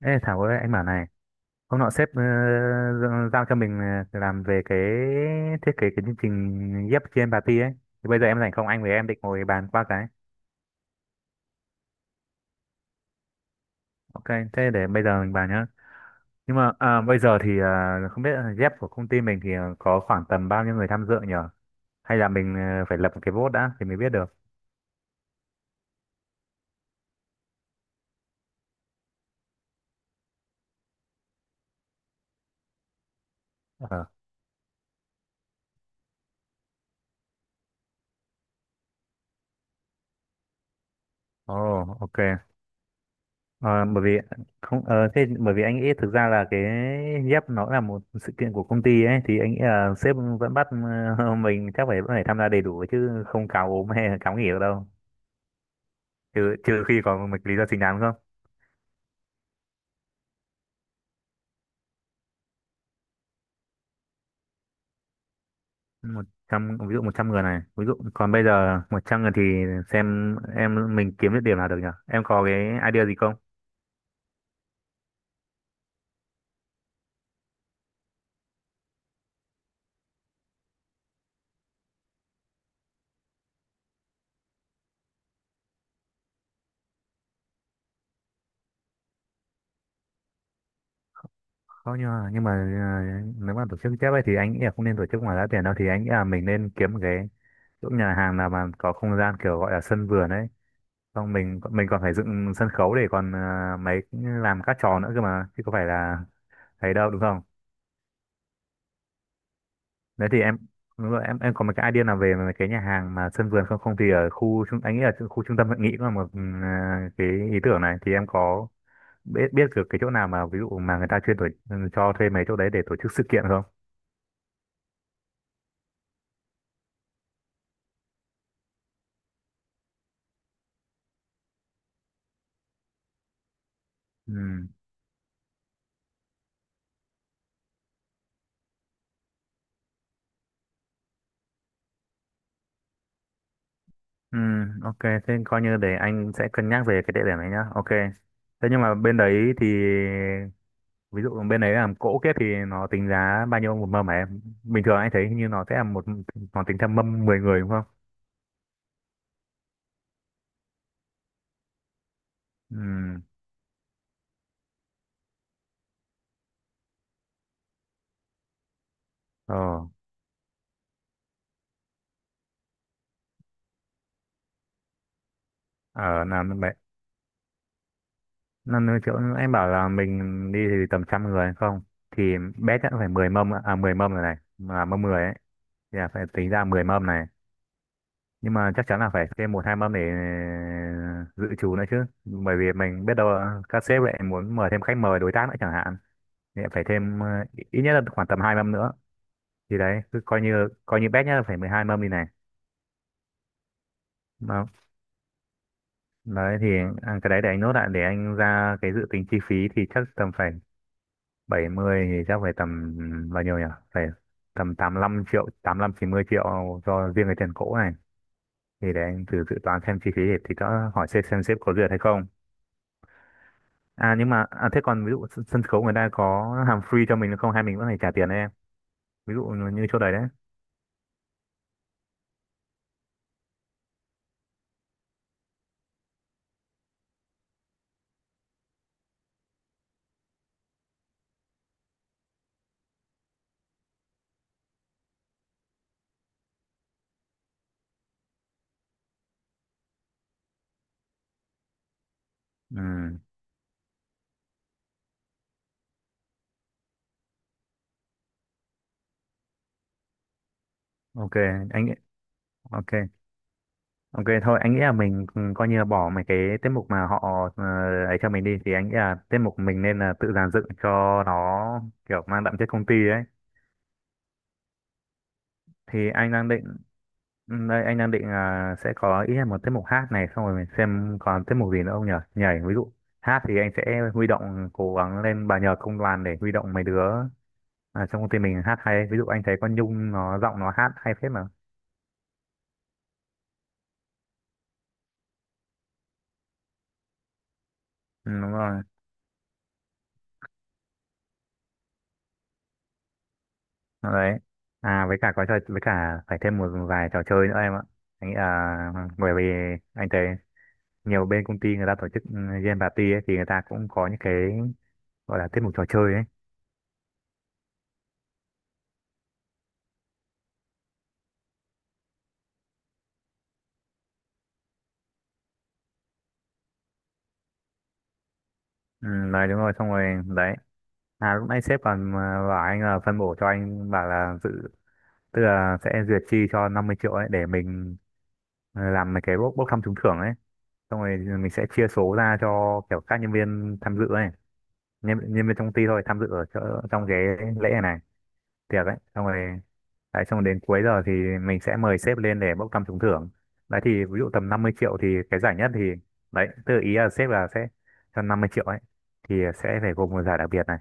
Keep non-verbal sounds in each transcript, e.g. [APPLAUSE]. Ê Thảo ơi, anh bảo này. Hôm nọ sếp giao cho mình làm về cái thiết kế cái chương trình ghép trên bà Ti ấy, thì bây giờ em rảnh không, anh với em định ngồi bàn qua cái. Ok, thế để bây giờ mình bàn nhá. Nhưng mà bây giờ thì không biết là ghép của công ty mình thì có khoảng tầm bao nhiêu người tham dự nhở, hay là mình phải lập một cái vote đã thì mới biết được. Ờ. Ồ. Ok. Ờ, bởi vì không thế bởi vì anh nghĩ thực ra là cái dép nó là một sự kiện của công ty ấy, thì anh nghĩ là sếp vẫn bắt [LAUGHS] mình chắc phải vẫn phải tham gia đầy đủ chứ không cáo ốm hay là cáo nghỉ được đâu, trừ trừ khi có một lý do chính đáng không. Một trăm, ví dụ 100 người này, ví dụ còn bây giờ 100 người thì xem em, mình kiếm được điểm nào được nhỉ? Em có cái idea gì không? Không nhưng mà nhưng mà nếu mà tổ chức chép ấy thì anh nghĩ là không nên tổ chức ngoài giá tiền đâu, thì anh nghĩ là mình nên kiếm một cái chỗ nhà hàng nào mà có không gian kiểu gọi là sân vườn ấy. Xong mình còn phải dựng sân khấu để còn mấy làm các trò nữa cơ mà, chứ có phải là thấy đâu, đúng không? Đấy thì em đúng rồi, em có một cái idea nào về mấy cái nhà hàng mà sân vườn không? Không thì ở khu trung anh nghĩ là khu trung tâm hội nghị cũng là một cái ý tưởng. Này thì em có biết biết được cái chỗ nào mà ví dụ mà người ta chuyên cho thuê mấy chỗ đấy để tổ chức sự kiện không? Ừ. Ừ, ok, thế coi như để anh sẽ cân nhắc về cái địa điểm này nhá. Ok. Thế nhưng mà bên đấy thì ví dụ bên đấy làm cỗ kiếp thì nó tính giá bao nhiêu một mâm hả em? Bình thường anh thấy hình như nó sẽ là một, nó tính theo mâm 10 người đúng không? Ừ. Ờ. ờ làm vậy năm nữa, chỗ anh bảo là mình đi thì tầm trăm người hay không thì bé chắc phải 10 mâm ạ. À 10 mâm rồi này, mà mâm 10 ấy thì là phải tính ra 10 mâm này. Nhưng mà chắc chắn là phải thêm một hai mâm để dự trù nữa chứ, bởi vì mình biết đâu là các sếp lại muốn mời thêm khách mời đối tác nữa chẳng hạn, thì lại phải thêm ít nhất là khoảng tầm hai mâm nữa. Thì đấy cứ coi như bét nhá phải 12 mâm đi này. Đó. Đấy thì cái đấy để anh nốt lại để anh ra cái dự tính chi phí, thì chắc tầm phải 70, thì chắc phải tầm bao nhiêu nhỉ, phải tầm 85 triệu, 85 90 triệu cho riêng cái tiền cỗ này. Thì để anh thử dự toán xem chi phí, thì đã hỏi xem sếp có duyệt hay không. À nhưng mà thế còn ví dụ sân sân khấu người ta có hàm free cho mình không hay mình vẫn phải trả tiền đấy em? Ví dụ như chỗ đấy đấy. Ừ, ok anh. Ok. Ok thôi anh nghĩ là mình coi như là bỏ mấy cái tiết mục mà họ ờ, ấy cho mình đi, thì anh nghĩ là tiết mục mình nên là tự dàn dựng cho nó kiểu mang đậm chất công ty ấy. Thì anh đang định đây anh đang định là sẽ có ít nhất một tiết mục hát này, xong rồi mình xem còn tiết mục gì nữa không nhỉ, nhảy ví dụ. Hát thì anh sẽ huy động, cố gắng lên bà nhờ công đoàn để huy động mấy đứa trong công ty mình hát hay, ví dụ anh thấy con Nhung nó giọng nó hát hay phết mà. Ừ, đúng rồi đấy. À với cả có trò, với cả phải thêm một vài trò chơi nữa em ạ. Anh nghĩ là bởi vì anh thấy nhiều bên công ty người ta tổ chức game party ấy, thì người ta cũng có những cái gọi là tiết mục trò chơi ấy. Ừ, đấy đúng rồi, xong rồi đấy. À lúc nãy sếp còn bảo anh là phân bổ, cho anh bảo là dự, tức là sẽ duyệt chi cho 50 triệu ấy để mình làm mấy cái bốc bốc thăm trúng thưởng ấy, xong rồi mình sẽ chia số ra cho kiểu các nhân viên tham dự ấy. Nhân viên trong công ty thôi tham dự ở chỗ, trong cái lễ này này. Tiệc ấy xong rồi, đấy xong rồi đến cuối giờ thì mình sẽ mời sếp lên để bốc thăm trúng thưởng. Đấy thì ví dụ tầm 50 triệu thì cái giải nhất thì đấy, tự ý là sếp là sẽ cho 50 triệu ấy thì sẽ phải gồm một giải đặc biệt này,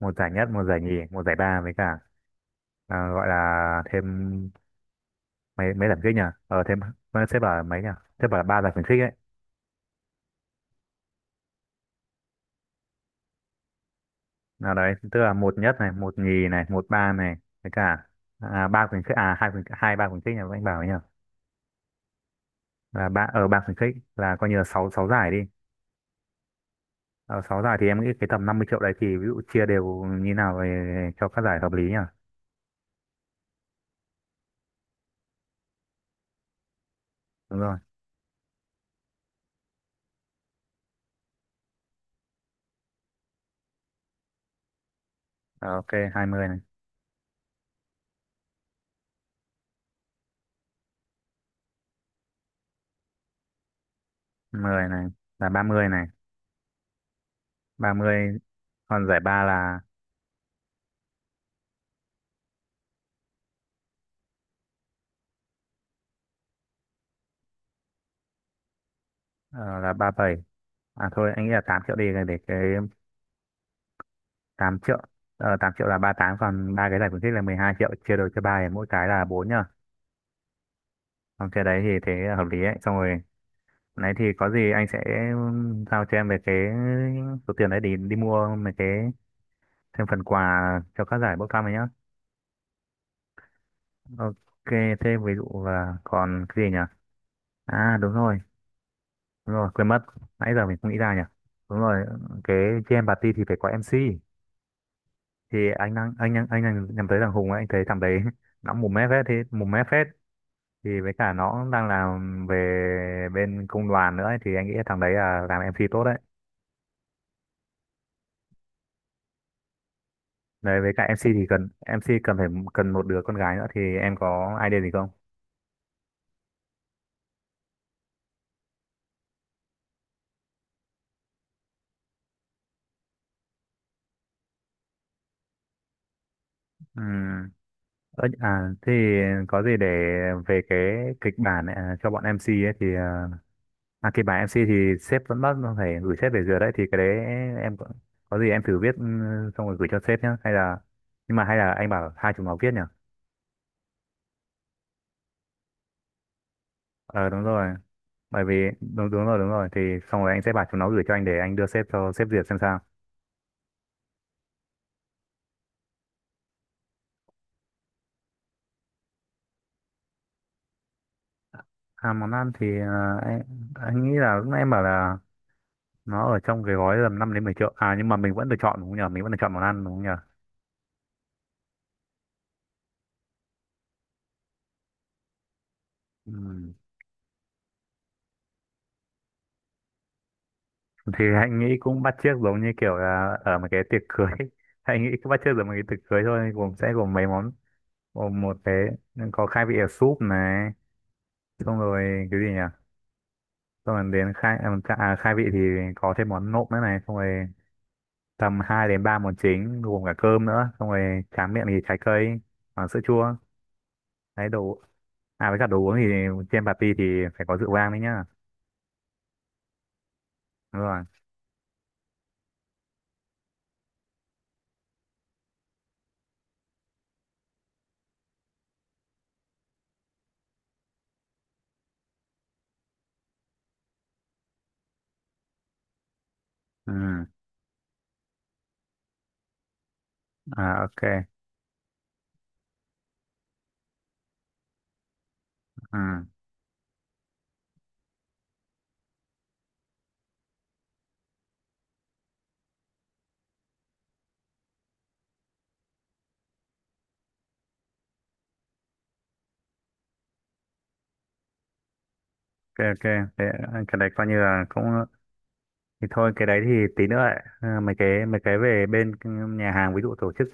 một giải nhất, một giải nhì, một giải ba, với cả à, gọi là thêm mấy mấy giải khuyến khích nhỉ. Sếp bảo là mấy nhỉ, sếp bảo là ba giải khuyến khích ấy. Nào đấy tức là một nhất này, một nhì này, một ba này, với cả à, ba khuyến khích, à hai ba khuyến khích nhỉ, anh bảo ấy nhỉ là ba, ở ba khuyến khích là coi như là sáu sáu giải đi. Ờ, sáu giải thì em nghĩ cái tầm 50 triệu đấy thì ví dụ chia đều như nào về cho các giải hợp lý nhỉ? Đúng rồi. Ờ, ok, 20 này, 10 này, là 30 này, 30 còn giải ba là ờ, là 37 triệu. À thôi, anh nghĩ là 8 triệu đi để cái 8 triệu. Ờ, 8 triệu là ba tám, còn ba cái giải khuyến khích là 12 triệu chia đôi cho ba thì mỗi cái là 4 nhá. Còn cái đấy thì thế là hợp lý ấy. Xong rồi, nãy thì có gì anh sẽ giao cho em về cái số tiền đấy để đi mua mấy cái thêm phần quà cho các giải bốc thăm ấy nhá. Ok, thế ví dụ là còn cái gì nhỉ? À đúng rồi, quên mất. Nãy giờ mình không nghĩ ra nhỉ. Đúng rồi, cái jam party thì phải có MC. Thì anh đang nhắm tới thằng Hùng ấy, anh thấy thằng đấy [LAUGHS] nó mồm mép hết thế, mồm mép hết. Thì với cả nó đang làm về bên công đoàn nữa ấy, thì anh nghĩ thằng đấy là làm MC tốt đấy. Đấy với cả MC thì cần. MC cần phải cần một đứa con gái nữa, thì em có idea gì không? Ừ. Thì có gì để về cái kịch bản này, cho bọn MC ấy thì kịch bản em MC thì sếp vẫn bắt phải gửi sếp về duyệt đấy. Thì cái đấy em có gì em thử viết xong rồi gửi cho sếp nhá, hay là nhưng mà hay là anh bảo hai chúng nó viết nhỉ? Ờ đúng rồi. Bởi vì đúng đúng rồi thì xong rồi anh sẽ bảo chúng nó gửi cho anh để anh đưa sếp cho sếp duyệt xem sao. À món ăn thì anh nghĩ là lúc nãy em bảo là nó ở trong cái gói tầm 5 đến 10 triệu. À nhưng mà mình vẫn được chọn đúng không nhỉ? Mình vẫn được chọn món ăn đúng không nhỉ? Ừ. Thì anh nghĩ cũng bắt chước giống như kiểu là ở một cái tiệc cưới [LAUGHS] anh nghĩ cũng bắt chước giống một cái tiệc cưới thôi, gồm sẽ gồm mấy món. Gồm một cái có khai vị ở súp này, xong rồi cái gì nhỉ, xong rồi đến khai à, chả- à, khai vị thì có thêm món nộm nữa này, xong rồi tầm 2 đến 3 món chính gồm cả cơm nữa, xong rồi tráng miệng thì trái cây và sữa chua. Đấy đồ, à với cả đồ uống thì trên party thì phải có rượu vang đấy nhá. Đúng rồi. Ừ. À. Ok. Ừ. Ok. Ok. Thế, cái đấy coi như là cũng, thì thôi cái đấy thì tí nữa ấy. Ờ, mấy cái về bên nhà hàng ví dụ tổ chức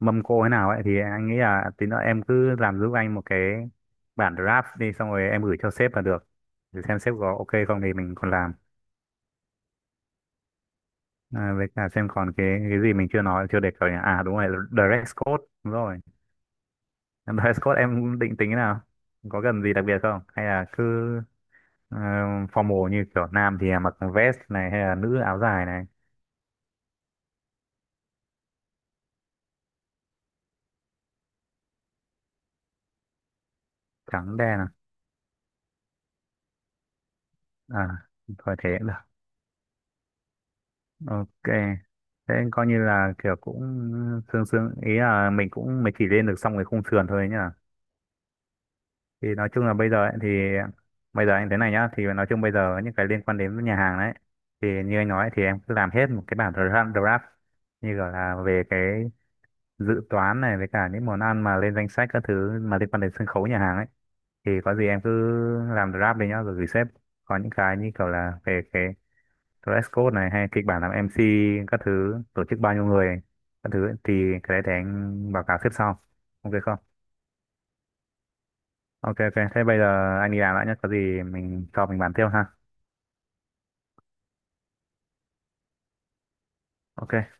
mâm cỗ thế nào ấy, thì anh nghĩ là tí nữa em cứ làm giúp anh một cái bản draft đi, xong rồi em gửi cho sếp là được, để xem sếp có ok không thì mình còn làm. À, với cả xem còn cái gì mình chưa nói chưa đề cập nhỉ. À đúng rồi, dress code đúng rồi. [LAUGHS] Em dress code em định tính thế nào, có cần gì đặc biệt không hay là cứ ờ, formal như kiểu nam thì mặc vest này hay là nữ áo dài này? Trắng đen à. À thôi thế ok, thế coi như là kiểu cũng sương sương ý là mình cũng mới chỉ lên được xong cái khung sườn thôi nhá. Thì nói chung là bây giờ ấy, thì bây giờ anh thế này nhá, thì nói chung bây giờ những cái liên quan đến nhà hàng đấy, thì như anh nói ấy, thì em cứ làm hết một cái bản draft, như gọi là về cái dự toán này với cả những món ăn mà lên danh sách các thứ mà liên quan đến sân khấu nhà hàng ấy, thì có gì em cứ làm draft đi nhá rồi gửi sếp. Có những cái như kiểu là về cái dress code này hay kịch bản làm MC, các thứ tổ chức bao nhiêu người các thứ, thì cái đấy để anh báo cáo xếp sau, ok không? Ok. Ok thế bây giờ anh đi làm đã nhé, có gì mình cho mình bàn tiếp ha. Ok.